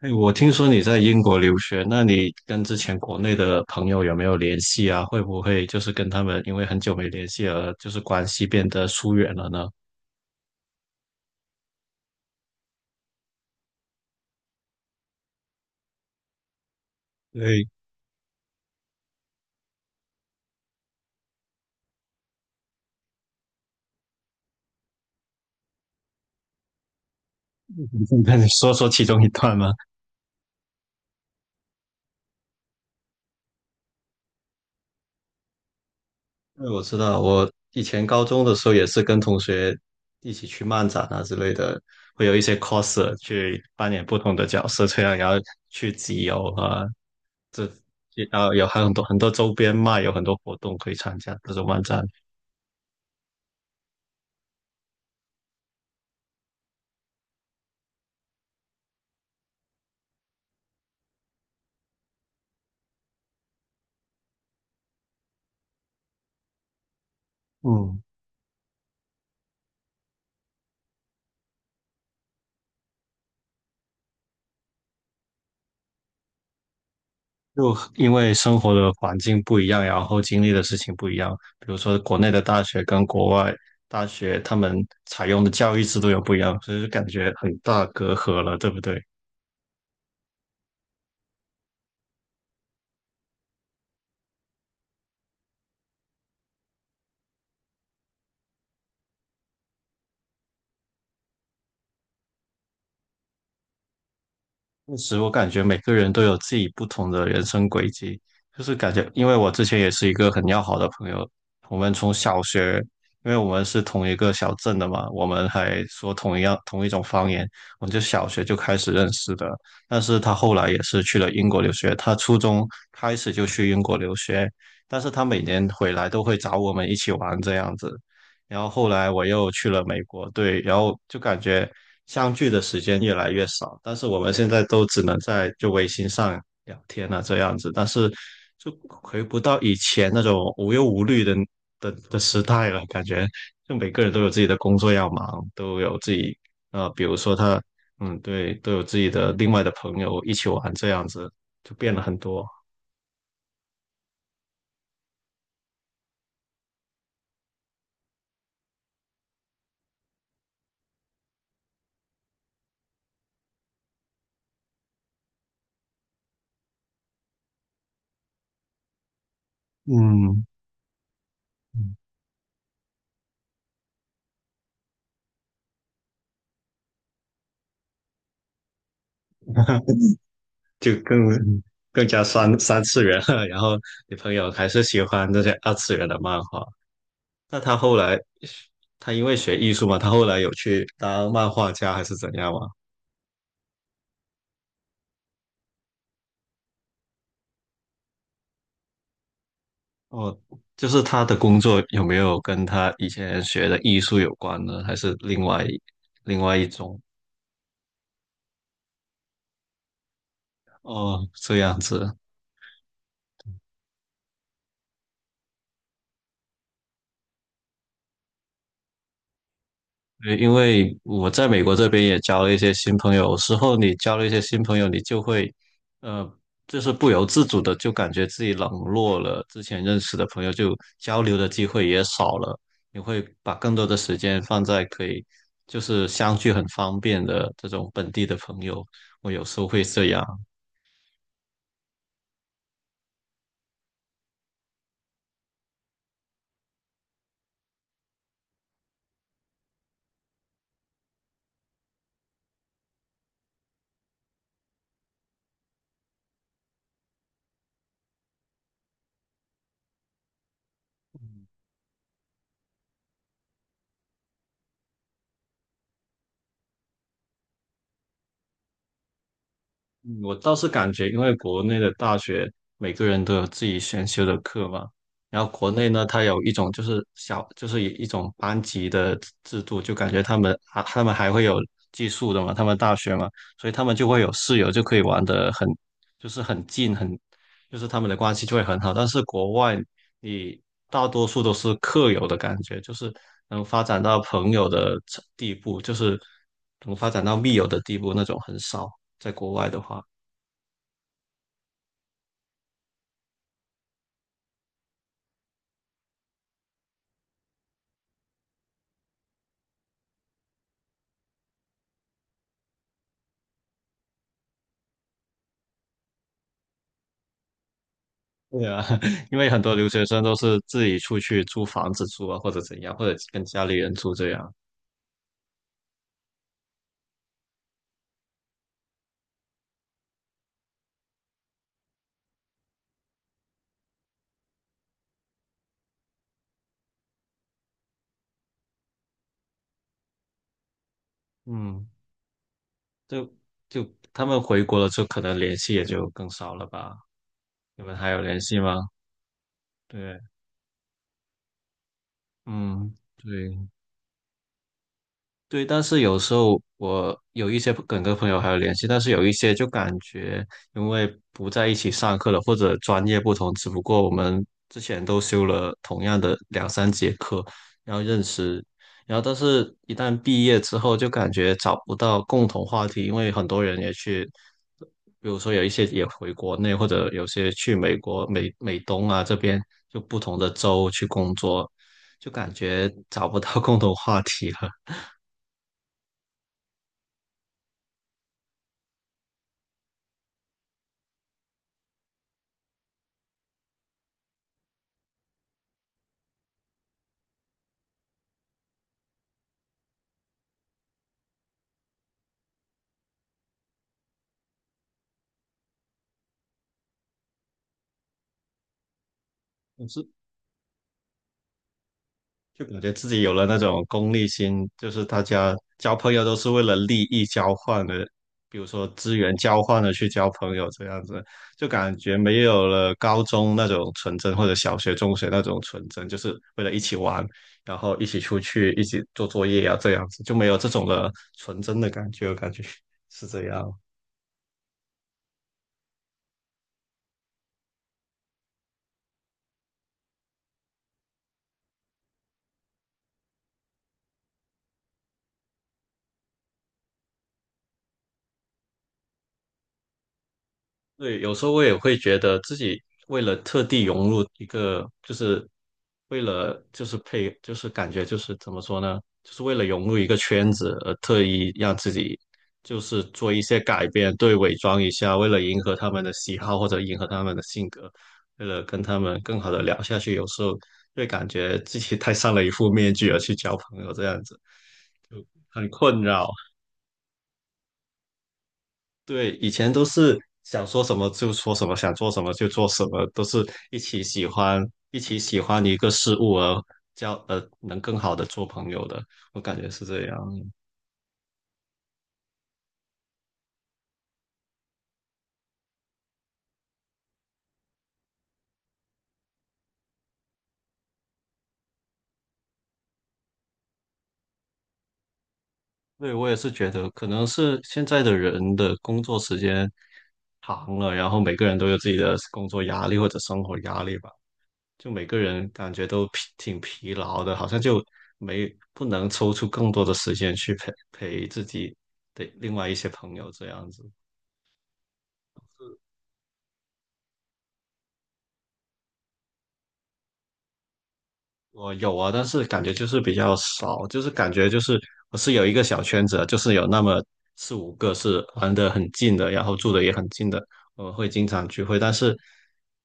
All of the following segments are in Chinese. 哎，我听说你在英国留学，那你跟之前国内的朋友有没有联系啊？会不会跟他们因为很久没联系而关系变得疏远了呢？对，你可以跟你说说其中一段吗？因为我知道我以前高中的时候也是跟同学一起去漫展啊之类的，会有一些 coser 去扮演不同的角色，这样然后去集邮啊，然后还有很多很多周边卖，有很多活动可以参加这种漫展。嗯，就因为生活的环境不一样，然后经历的事情不一样，比如说国内的大学跟国外大学，他们采用的教育制度又不一样，所以就感觉很大隔阂了，对不对？确实，我感觉每个人都有自己不同的人生轨迹，就是感觉，因为我之前也是一个很要好的朋友，我们从小学，因为我们是同一个小镇的嘛，我们还说同一种方言，我们就小学就开始认识的。但是他后来也是去了英国留学，他初中开始就去英国留学，但是他每年回来都会找我们一起玩这样子，然后后来我又去了美国，对，然后就感觉相聚的时间越来越少，但是我们现在都只能在微信上聊天啊这样子，但是就回不到以前那种无忧无虑的时代了，感觉就每个人都有自己的工作要忙，都有自己比如说他对，都有自己的另外的朋友一起玩这样子，就变了很多，嗯。就更加三次元了。然后你朋友还是喜欢那些二次元的漫画，那他后来他因为学艺术嘛，他后来有去当漫画家还是怎样吗？哦，就是他的工作有没有跟他以前学的艺术有关呢？还是另外一种？哦，这样子。对，因为我在美国这边也交了一些新朋友，有时候你交了一些新朋友，你就会，呃，就是不由自主的就感觉自己冷落了之前认识的朋友，就交流的机会也少了。你会把更多的时间放在可以相聚很方便的这种本地的朋友，我有时候会这样。嗯，我倒是感觉，因为国内的大学每个人都有自己选修的课嘛，然后国内呢，它有一种就是小，就是一种班级的制度，就感觉他们还会有寄宿的嘛，他们大学嘛，所以他们就会有室友，就可以玩的很，就是很近，很，就是他们的关系就会很好。但是国外，你大多数都是课友的感觉，就是能发展到朋友的地步，就是能发展到密友的地步那种很少。在国外的话，对啊，因为很多留学生都是自己出去租房子住啊，或者怎样，或者跟家里人住这样。嗯，就就他们回国了之后，就可能联系也就更少了吧？你们还有联系吗？对，嗯，对。对，但是有时候我有一些梗跟个朋友还有联系，但是有一些就感觉因为不在一起上课了，或者专业不同，只不过我们之前都修了同样的两三节课，然后认识，然后但是一旦毕业之后，就感觉找不到共同话题，因为很多人也去，比如说有一些也回国内，或者有些去美国、美东啊这边，就不同的州去工作，就感觉找不到 共同话题了。是。就感觉自己有了那种功利心，就是大家交朋友都是为了利益交换的，比如说资源交换的去交朋友这样子，就感觉没有了高中那种纯真，或者小学、中学那种纯真，就是为了一起玩，然后一起出去，一起做作业啊，这样子就没有这种的纯真的感觉，我感觉 是这样。对，有时候我也会觉得自己为了特地融入一个，就是为了就是配，就是感觉就是怎么说呢，就是为了融入一个圈子而特意让自己就是做一些改变，对，伪装一下，为了迎合他们的喜好或者迎合他们的性格，为了跟他们更好的聊下去，有时候会感觉自己戴上了一副面具而去交朋友，这样子就很困扰。对，以前都是想说什么就说什么，想做什么就做什么，都是一起喜欢，一起喜欢一个事物而交，能更好的做朋友的，我感觉是这样。对，我也是觉得，可能是现在的人的工作时间长了，然后每个人都有自己的工作压力或者生活压力吧，就每个人感觉都挺疲劳的，好像就没不能抽出更多的时间去陪陪自己的另外一些朋友这样子。我有啊，但是感觉就是比较少，就是感觉就是我是有一个小圈子的，就是有那么四五个是玩的很近的，然后住的也很近的，我们会经常聚会。但是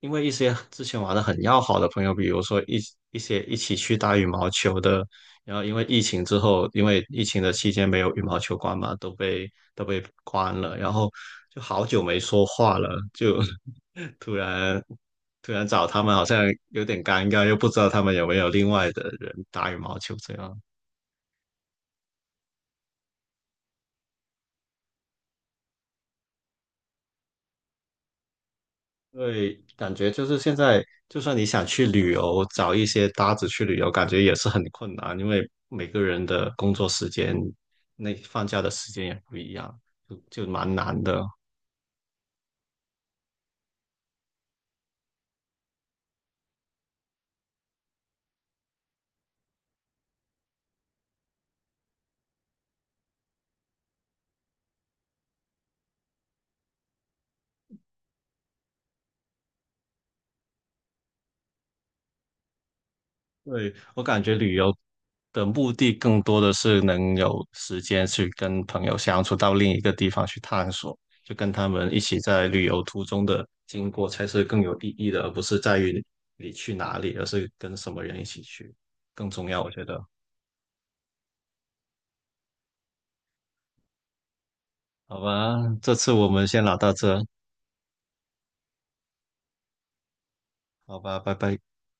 因为一些之前玩的很要好的朋友，比如说一些一起去打羽毛球的，然后因为疫情之后，因为疫情的期间没有羽毛球馆嘛，都被关了，然后就好久没说话了，就 突然突然找他们好像有点尴尬，又不知道他们有没有另外的人打羽毛球这样。对，感觉就是现在，就算你想去旅游，找一些搭子去旅游，感觉也是很困难，因为每个人的工作时间、那放假的时间也不一样，就蛮难的。对，我感觉旅游的目的更多的是能有时间去跟朋友相处，到另一个地方去探索，就跟他们一起在旅游途中的经过才是更有意义的，而不是在于你去哪里，而是跟什么人一起去更重要，我觉得。好吧，这次我们先聊到这，好吧，拜拜。